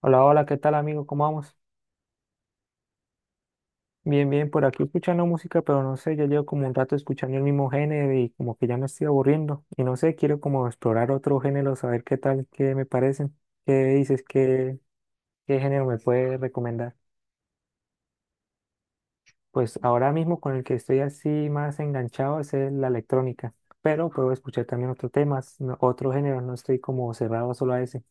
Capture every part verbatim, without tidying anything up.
Hola, hola, ¿qué tal amigo? ¿Cómo vamos? Bien, bien, por aquí escuchando música, pero no sé, ya llevo como un rato escuchando el mismo género y como que ya me estoy aburriendo. Y no sé, quiero como explorar otro género, saber qué tal, qué me parecen, qué dices, qué, qué género me puedes recomendar. Pues ahora mismo con el que estoy así más enganchado es el- la electrónica, pero puedo escuchar también otros temas, no- otros géneros, no estoy como cerrado solo a ese.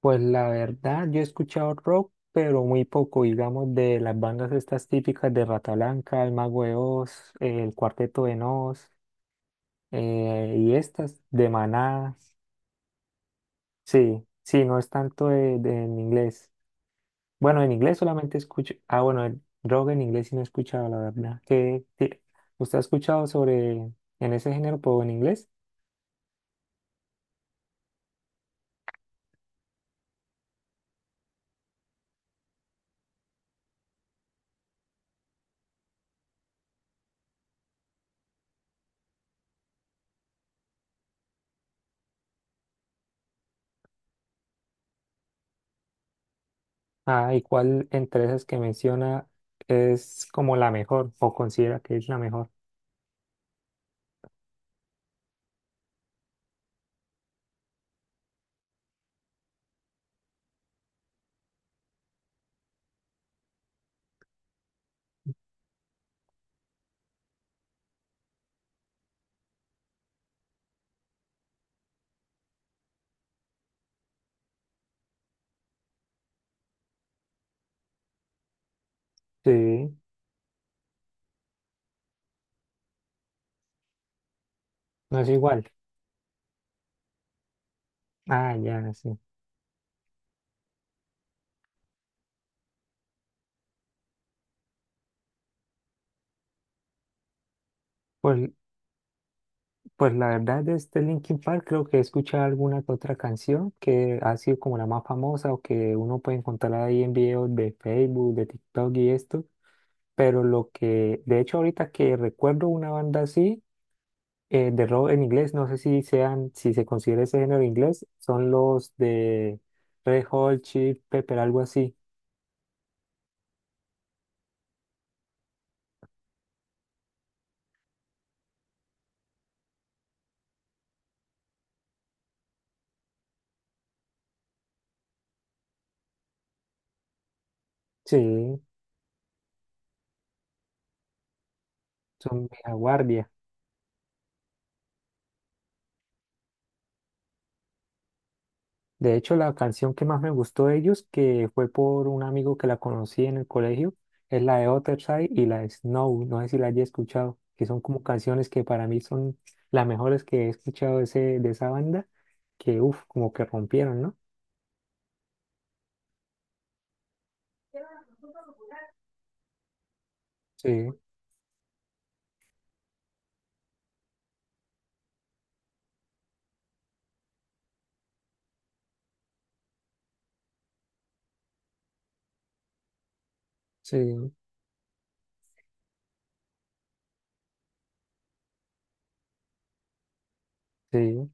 Pues la verdad, yo he escuchado rock, pero muy poco, digamos, de las bandas estas típicas de Rata Blanca, El Mago de Oz, eh, El Cuarteto de Nos, eh, y estas de Maná. Sí, sí, no es tanto de, de- en inglés. Bueno, en inglés solamente escucho. Ah, bueno, el rock en inglés sí no he escuchado, la verdad. ¿Qué, qué- usted ha escuchado sobre en ese género, pero en inglés? Ah, ¿y cuál entre esas que menciona es como la mejor o considera que es la mejor? Sí. No es igual. Ah, ya, sí. Pues, pues la verdad de este Linkin Park creo que he escuchado alguna que otra canción que ha sido como la más famosa o que uno puede encontrar ahí en videos de Facebook, de TikTok y esto. Pero lo que, de hecho ahorita que recuerdo una banda así, eh, de rock en inglés, no sé si sean, si se considera ese género inglés, son los de Red Hot Chili Pepper, algo así. Sí, son vieja guardia. De hecho, la canción que más me gustó de ellos, que fue por un amigo que la conocí en el colegio, es la de Otherside y la de Snow. No sé si la haya escuchado, que son como canciones que para mí son las mejores que he escuchado de, ese, de esa banda, que uff, como que rompieron, ¿no? Sí, sí. Sí.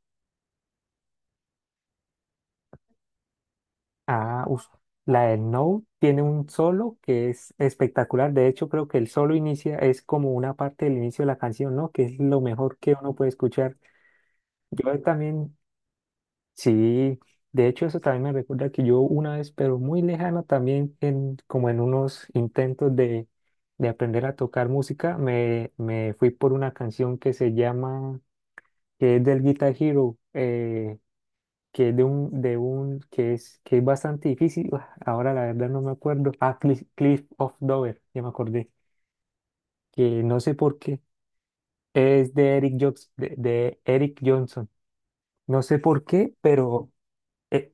Ah, us- la de No tiene un solo que es espectacular. De hecho, creo que el solo inicia, es como una parte del inicio de la canción, ¿no? Que es lo mejor que uno puede escuchar. Yo también. Sí, de hecho eso también me recuerda que yo una vez, pero muy lejana también, en, como en unos intentos de, de aprender a tocar música, me, me fui por una canción que se llama, que es del Guitar Hero, eh, que es de un, de un, que es, que es bastante difícil, ah, ahora la verdad no me acuerdo, ah, Cliff, Cliff of Dover, ya me acordé, que no sé por qué, es de Eric Jobs, de de Eric Johnson, no sé por qué, pero... e-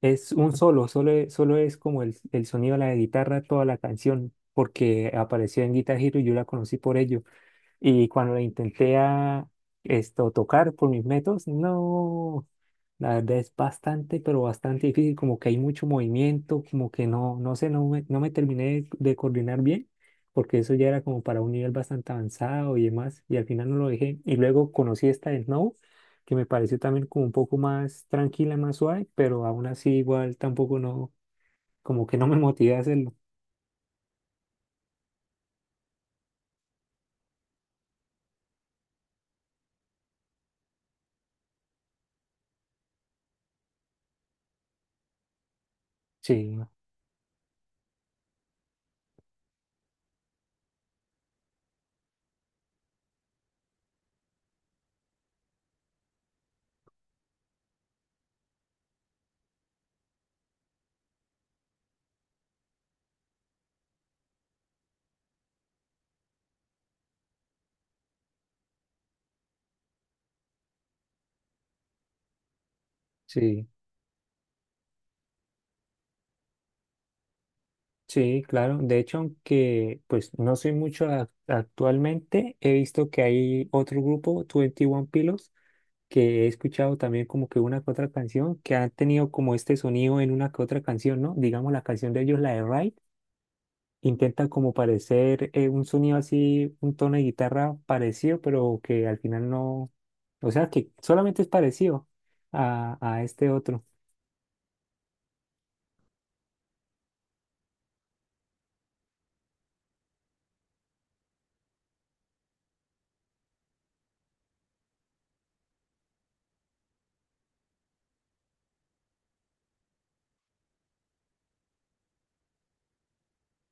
Es un solo, solo, e- solo es como el, el sonido de la guitarra, toda la canción, porque apareció en Guitar Hero y yo la conocí por ello. Y cuando la intenté a esto tocar por mis métodos, no, la verdad es bastante, pero bastante difícil, como que hay mucho movimiento, como que no, no sé, no me, no me terminé de coordinar bien, porque eso ya era como para un nivel bastante avanzado y demás, y al final no lo dejé. Y luego conocí esta de Snow, que me pareció también como un poco más tranquila, más suave, pero aún así igual tampoco no, como que no me motivé a hacerlo. Sí, sí. Sí, claro. De hecho, aunque pues no soy mucho a- actualmente, he visto que hay otro grupo, Twenty One Pilots, que he escuchado también como que una que otra canción, que han tenido como este sonido en una que otra canción, ¿no? Digamos la canción de ellos, la de Ride, intenta como parecer eh, un sonido así, un tono de guitarra parecido, pero que al final no, o sea, que solamente es parecido a, a este otro.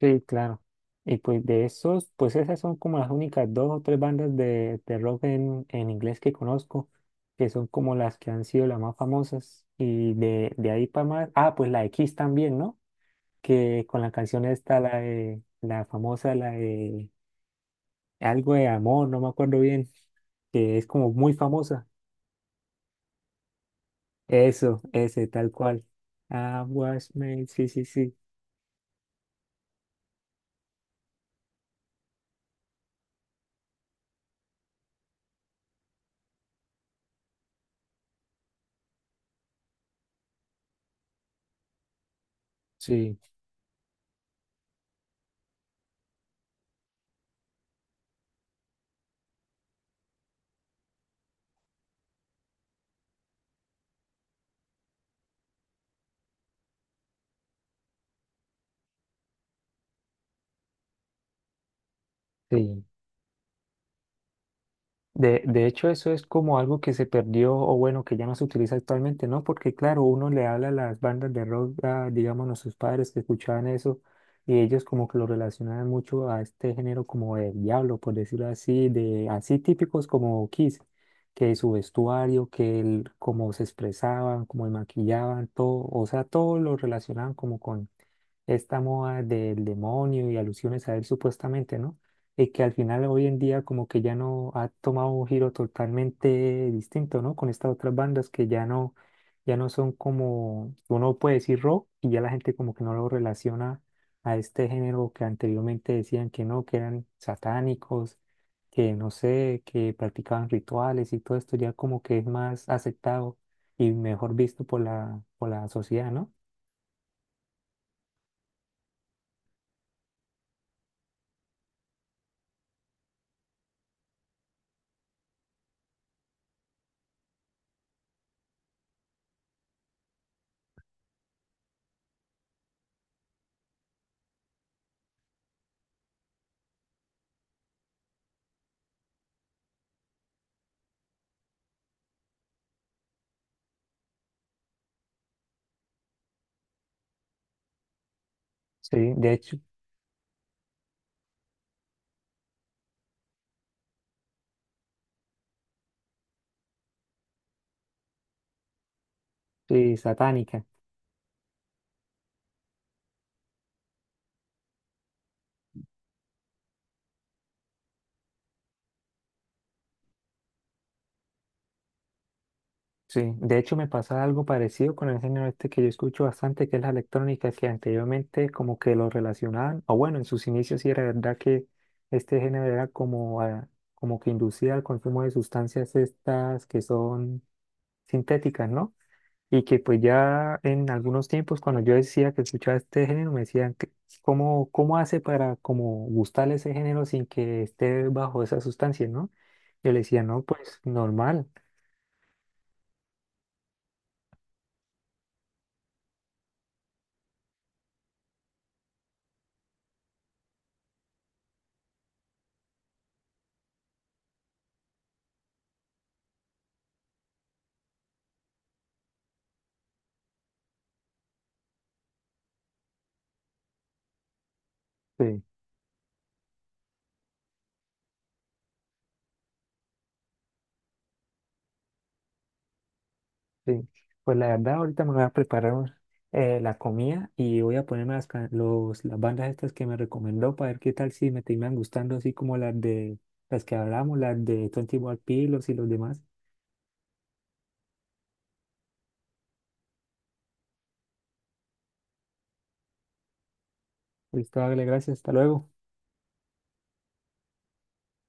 Sí, claro. Y pues de esos, pues esas son como las únicas dos o tres bandas de, de rock en, en inglés que conozco, que son como las que han sido las más famosas. Y de, de ahí para más, ah, pues la de Kiss también, ¿no? Que con la canción esta, la de, la famosa, la de algo de amor, no me acuerdo bien, que es como muy famosa. Eso, ese, tal cual. I was made, sí, sí, sí, sí, sí. De, de hecho, eso es como algo que se perdió o bueno, que ya no se utiliza actualmente, ¿no? Porque claro, uno le habla a las bandas de rock, a, digamos, a sus padres que escuchaban eso y ellos como que lo relacionaban mucho a este género como el diablo, por decirlo así, de así típicos como Kiss, que su vestuario, que el, cómo se expresaban, cómo se maquillaban, todo, o sea, todo lo relacionaban como con esta moda del demonio y alusiones a él supuestamente, ¿no? Y que al final hoy en día como que ya no ha tomado un giro totalmente distinto, ¿no? Con estas otras bandas que ya no, ya no son como, uno puede decir rock y ya la gente como que no lo relaciona a este género que anteriormente decían que no, que eran satánicos, que no sé, que practicaban rituales y todo esto ya como que es más aceptado y mejor visto por la, por la sociedad, ¿no? Sí, de hecho. Sí, satánica. Sí, de hecho me pasa algo parecido con el género este que yo escucho bastante, que es la electrónica, que anteriormente como que lo relacionaban, o bueno, en sus inicios sí era verdad que este género era como, a- como que inducía al consumo de sustancias estas que son sintéticas, ¿no? Y que pues ya en algunos tiempos cuando yo decía que escuchaba este género me decían, que, ¿cómo, cómo hace para como gustarle ese género sin que esté bajo esas sustancias, ¿no? Yo le decía, no, pues normal. Sí. Sí, pues la verdad ahorita me voy a preparar un- eh, la comida y voy a ponerme las, ca- los, las bandas estas que me recomendó para ver qué tal si me terminan gustando así como las de las que hablamos, las de Twenty One y los demás. Listo, hágale, gracias, hasta luego.